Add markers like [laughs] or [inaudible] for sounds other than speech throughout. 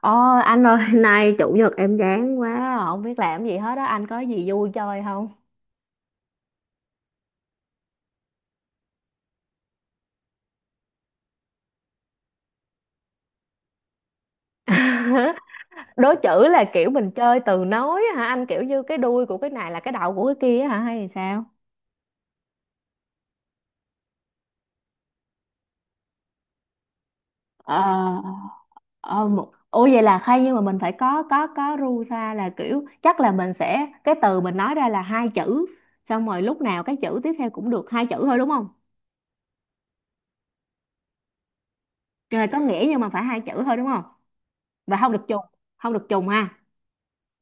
Ồ, anh ơi, [laughs] nay chủ nhật em chán quá, không biết làm gì hết á, anh có gì vui chơi không? Đố chữ là kiểu mình chơi từ nối á hả? Anh kiểu như cái đuôi của cái này là cái đầu của cái kia á hả hay sao? Ờ, Ủa vậy là hay nhưng mà mình phải có ru xa là kiểu chắc là mình sẽ cái từ mình nói ra là hai chữ, xong rồi lúc nào cái chữ tiếp theo cũng được hai chữ thôi đúng không? Trời, có nghĩa nhưng mà phải hai chữ thôi đúng không? Và không được trùng, không được trùng ha.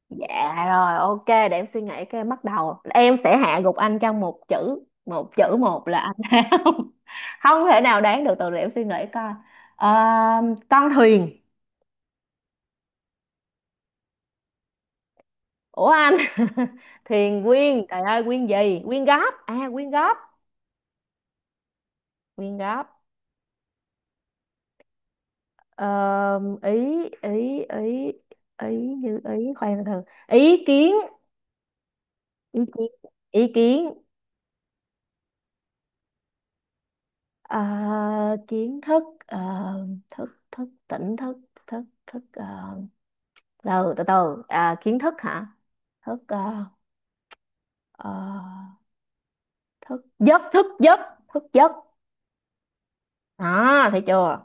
Dạ rồi, ok, để em suy nghĩ cái em bắt đầu. Em sẽ hạ gục anh trong một chữ, một chữ. Một là anh [laughs] không không thể nào đoán được từ, để em suy nghĩ coi. Ờ, con thuyền. Ủa anh? [laughs] Thuyền quyên, trời ơi quyên gì? Quyên góp. À quyên góp, quyên góp. Ờ, ý ý ý ý như ý, khoan, từ từ. Ý kiến, ý kiến, ý kiến. Ờ, kiến thức, thức tỉnh thức, thức thức ờ, từ từ từ à, kiến thức hả, thức à, ờ, thức giấc, thức giấc, thức giấc. À, thấy chưa?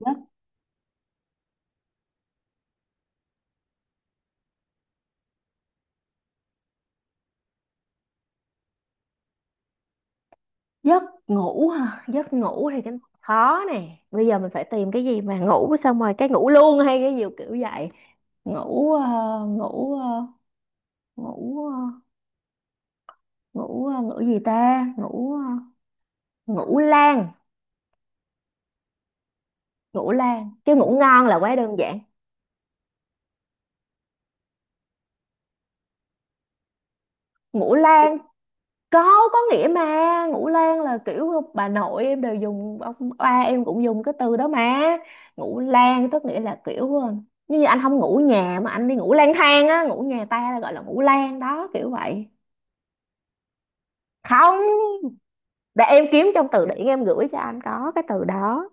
Giấc, giấc ngủ hả? Giấc ngủ thì cái khó nè, bây giờ mình phải tìm cái gì mà ngủ, xong rồi cái ngủ luôn hay cái gì kiểu vậy. Ngủ ờ, ngủ ờ, ngủ ờ, ngủ ờ, ngủ gì ta, ngủ lan. Ngủ lan chứ ngủ ngon là quá đơn giản. Ngủ lan, có nghĩa mà. Ngũ lang là kiểu bà nội em đều dùng, ông ba em cũng dùng cái từ đó mà. Ngũ lang tức nghĩa là kiểu, như anh không ngủ nhà mà anh đi ngủ lang thang á, ngủ nhà ta là gọi là ngủ lang đó, kiểu vậy. Không, để em kiếm trong từ điển em gửi cho anh có cái từ đó.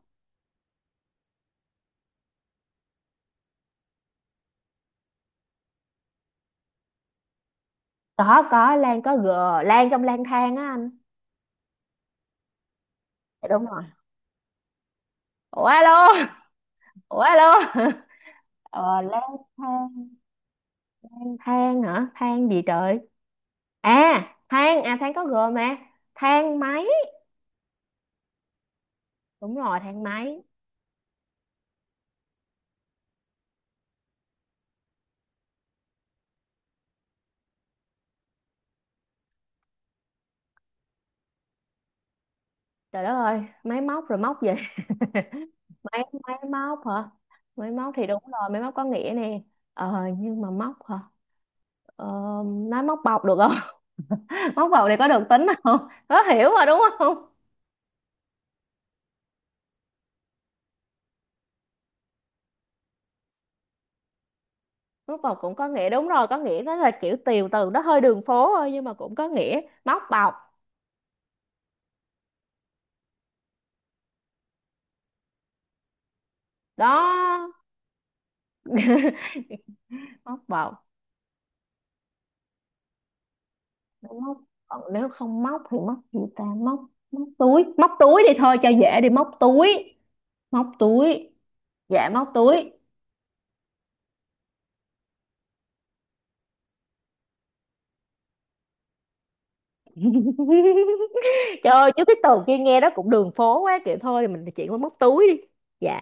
Có lang có g, lang trong lang thang á anh. Dạ, đúng rồi. Ủa alo, ủa alo. [laughs] Ờ lang thang, than hả, than gì trời. À, than à, than có g mà. Thang máy. Đúng rồi, thang máy. Trời đất ơi, máy móc rồi móc gì. [laughs] máy máy móc hả? Máy móc thì đúng rồi, máy móc có nghĩa nè. Ờ, nhưng mà móc hả? ờ, nói móc bọc được không? [laughs] Móc bọc thì có được tính không, có hiểu mà, đúng không? Móc bọc cũng có nghĩa, đúng rồi, có nghĩa, nó là kiểu tiều từ nó hơi đường phố thôi nhưng mà cũng có nghĩa, móc bọc. Đó, móc bọc. Đúng, móc. Còn nếu không móc thì móc gì ta, móc, móc túi, móc túi đi thôi cho dễ đi, móc túi, móc túi. Dạ móc túi. [laughs] Trời ơi, chứ cái từ kia nghe đó cũng đường phố quá kiểu, thôi thì mình chuyển qua móc túi đi. Dạ,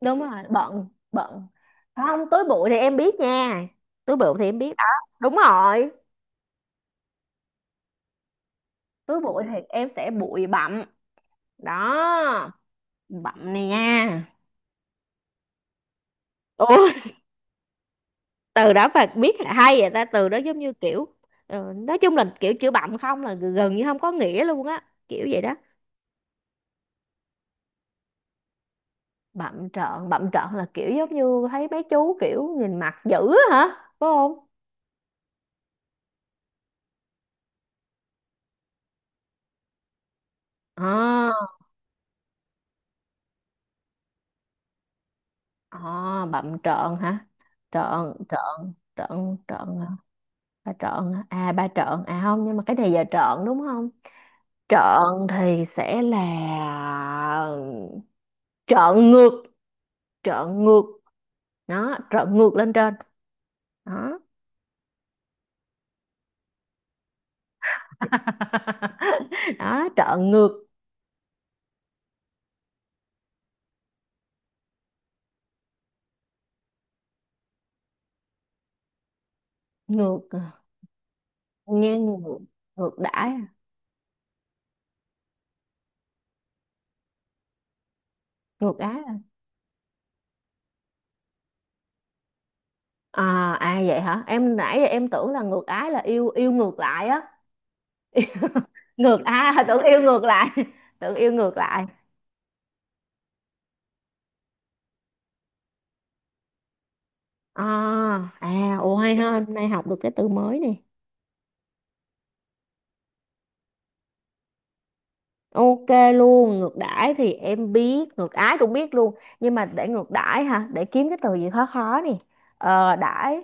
đúng rồi, bận, bận. Không, túi bụi thì em biết nha. Túi bụi thì em biết đó. Đúng rồi, túi bụi thì em sẽ bụi bặm. Đó, bặm này nha. Ủa, từ đó phải biết hả? Hay vậy ta, từ đó giống như kiểu, nói chung là kiểu chữ bặm không là gần như không có nghĩa luôn á, kiểu vậy đó. Bặm trợn là kiểu giống như thấy mấy chú kiểu nhìn mặt dữ á hả? Phải không? À. À, bậm trợn hả? Trợn, trợn, trợn, trợn, hả? Ba trợn, hả? À ba trợn, à không, nhưng mà cái này giờ trợn đúng không? Trợn thì sẽ là trợn ngược, trợn ngược, nó trợn ngược lên trên, đó. [laughs] Đó, trợn ngược. Ngược, nghe ngược, ngược đãi, à? Ngược ái. À, à à, vậy hả? Em nãy giờ em tưởng là ngược ái là yêu, yêu ngược lại á. Ngược à. [laughs] Tưởng yêu ngược lại. [laughs] Tưởng yêu ngược lại. À, à ồ, hay ha, hôm nay học được cái từ mới nè. Ok luôn, ngược đãi thì em biết, ngược ái cũng biết luôn, nhưng mà để ngược đãi hả, để kiếm cái từ gì khó khó nè. Ờ đãi,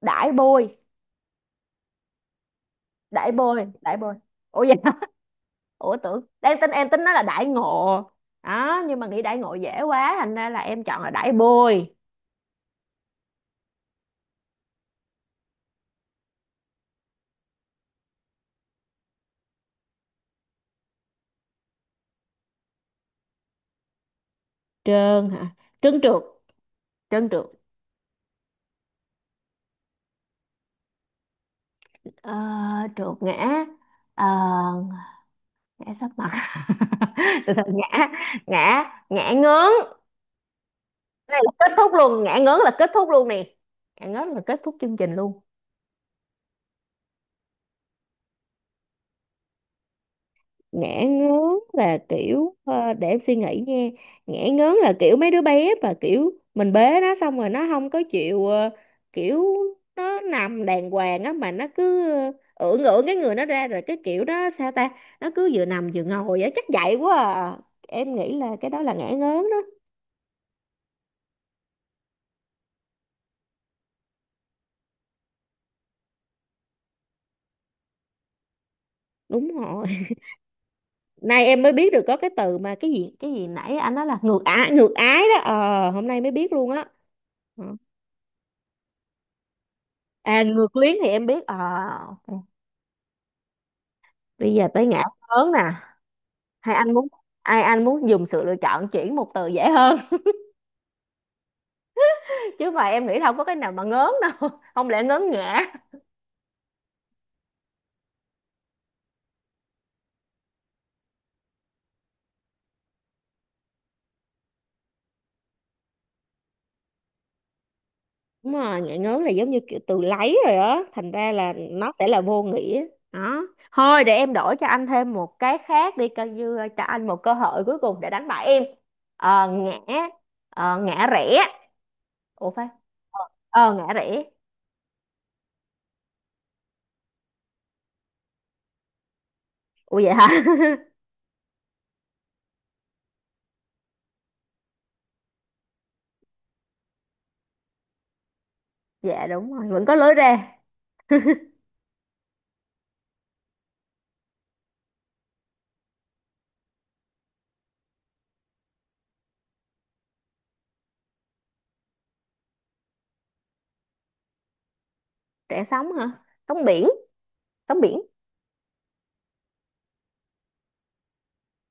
đãi bôi. Đãi bôi, đãi bôi. Ủa vậy hả? [laughs] Ủa tưởng, đang tính em tính nó là đãi ngộ đó, nhưng mà nghĩ đãi ngộ dễ quá thành ra là em chọn là đãi bôi. Trơn hả? Trơn trượt, trơn trượt. ờ, trượt ngã. Ờ, ngã sấp mặt. [laughs] từ từ ngã ngã, ngã ngớn. Cái này là kết thúc luôn, ngã ngớn là kết thúc luôn nè, ngã ngớn là kết thúc chương trình luôn. Ngã ngớn là kiểu, để em suy nghĩ nha. Ngã ngớn là kiểu mấy đứa bé mà kiểu mình bế nó xong rồi nó không có chịu, kiểu nó nằm đàng hoàng á mà nó cứ, ưỡn ưỡn cái người nó ra rồi, cái kiểu đó sao ta, nó cứ vừa nằm vừa ngồi á, chắc vậy quá à. Em nghĩ là cái đó là ngã ngớn đó. Đúng rồi, nay em mới biết được có cái từ mà, cái gì nãy anh nói là ngược ái, ngược ái đó, ờ hôm nay mới biết luôn á. Ờ. À ngược luyến thì em biết, ờ ok. Bây giờ tới ngã lớn nè. Hay anh muốn, ai anh muốn dùng sự lựa chọn chuyển một từ dễ hơn? [laughs] Chứ mà em nghĩ là không có cái nào mà ngớn đâu, không lẽ ngớn ngã. Đúng rồi, ngại ngớn là giống như kiểu từ lấy rồi đó, thành ra là nó sẽ là vô nghĩa. Đó. Thôi để em đổi cho anh thêm một cái khác đi, coi như cho anh một cơ hội cuối cùng để đánh bại em. Ờ, ngã ngã rẽ. Ủa phải. Ờ ngã rẽ. Ủa vậy hả? [laughs] Dạ đúng rồi, vẫn có lối ra. Rẽ sóng hả? Sóng biển, sóng biển,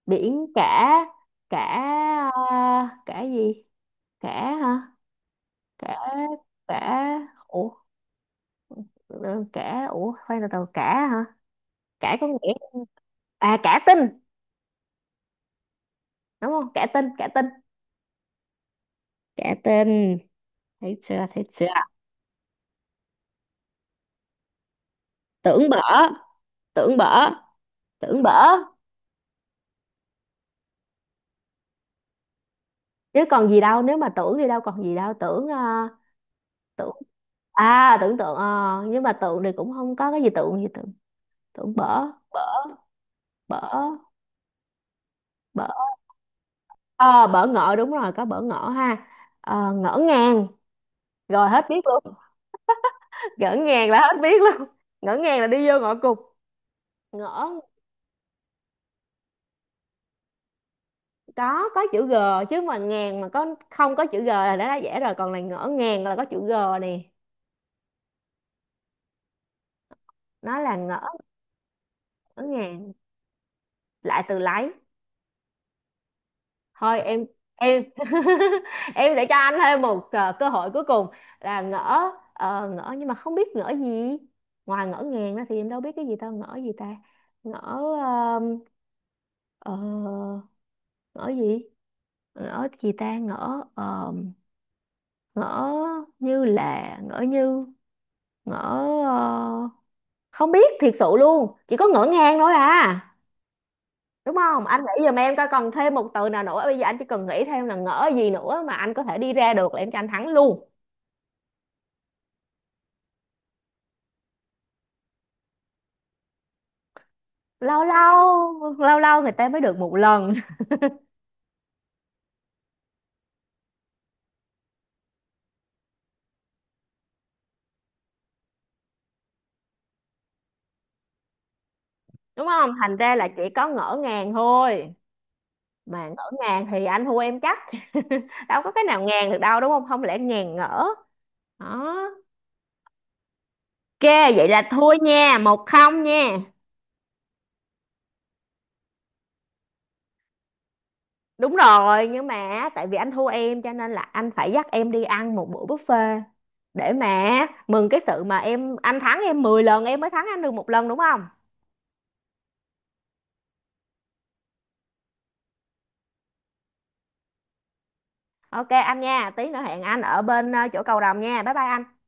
biển cả. Cả, ờ, cả gì? Cả hả? Cả, cả, ủa, khoan từ từ, cả hả? Cả có nghĩa, à cả tin, đúng không, cả tin, cả tin, cả tin. Thấy chưa, thấy chưa? Tưởng bở. Tưởng bở. Tưởng bở. Chứ còn gì đâu, nếu mà tưởng thì đâu còn gì đâu, tưởng, tưởng. À tưởng tượng, nhưng mà tượng thì cũng không có cái gì, tượng gì tượng. Tưởng bở, bở, bở, bở. Ờ bở ngỡ, đúng rồi có bở ngỡ ha. Ờ, ngỡ ngàng, rồi hết biết luôn. [laughs] Ngỡ ngàng là hết biết luôn, ngỡ ngàng là đi vô ngõ cụt. Ngỡ có chữ G, chứ mà ngàn mà có không có chữ G là đã dễ rồi, còn là ngỡ ngàng là có chữ G nè. Nó là ngỡ, ngỡ ngàng, lại từ lấy. Thôi em, em. [laughs] Em sẽ cho anh thêm một, cơ hội cuối cùng là ngỡ, ngỡ nhưng mà không biết ngỡ gì. Ngoài ngỡ ngàng ra thì em đâu biết cái gì, tao ngỡ gì ta, ngỡ, ờm, ờ, ngỡ gì, ngỡ gì ta ngỡ, ngỡ như là ngỡ như, ngỡ, ờ, không biết thiệt sự luôn, chỉ có ngỡ ngàng thôi à, đúng không? Anh nghĩ giùm em coi còn thêm một từ nào nữa, bây giờ anh chỉ cần nghĩ thêm là ngỡ gì nữa mà anh có thể đi ra được là em cho anh thắng luôn. Lâu lâu, lâu lâu người ta mới được một lần. [laughs] Đúng không, thành ra là chỉ có ngỡ ngàng thôi, mà ngỡ ngàng thì anh thua em chắc. [laughs] Đâu có cái nào ngàn được đâu đúng không, không lẽ ngàn ngỡ. Đó. Ok, vậy là thua nha, 1-0 nha. Đúng rồi, nhưng mà tại vì anh thua em cho nên là anh phải dắt em đi ăn một bữa buffet, để mà mừng cái sự mà em, anh thắng em 10 lần em mới thắng anh được 1 lần đúng không. Ok anh nha, tí nữa hẹn anh ở bên, chỗ cầu rồng nha, bye bye anh.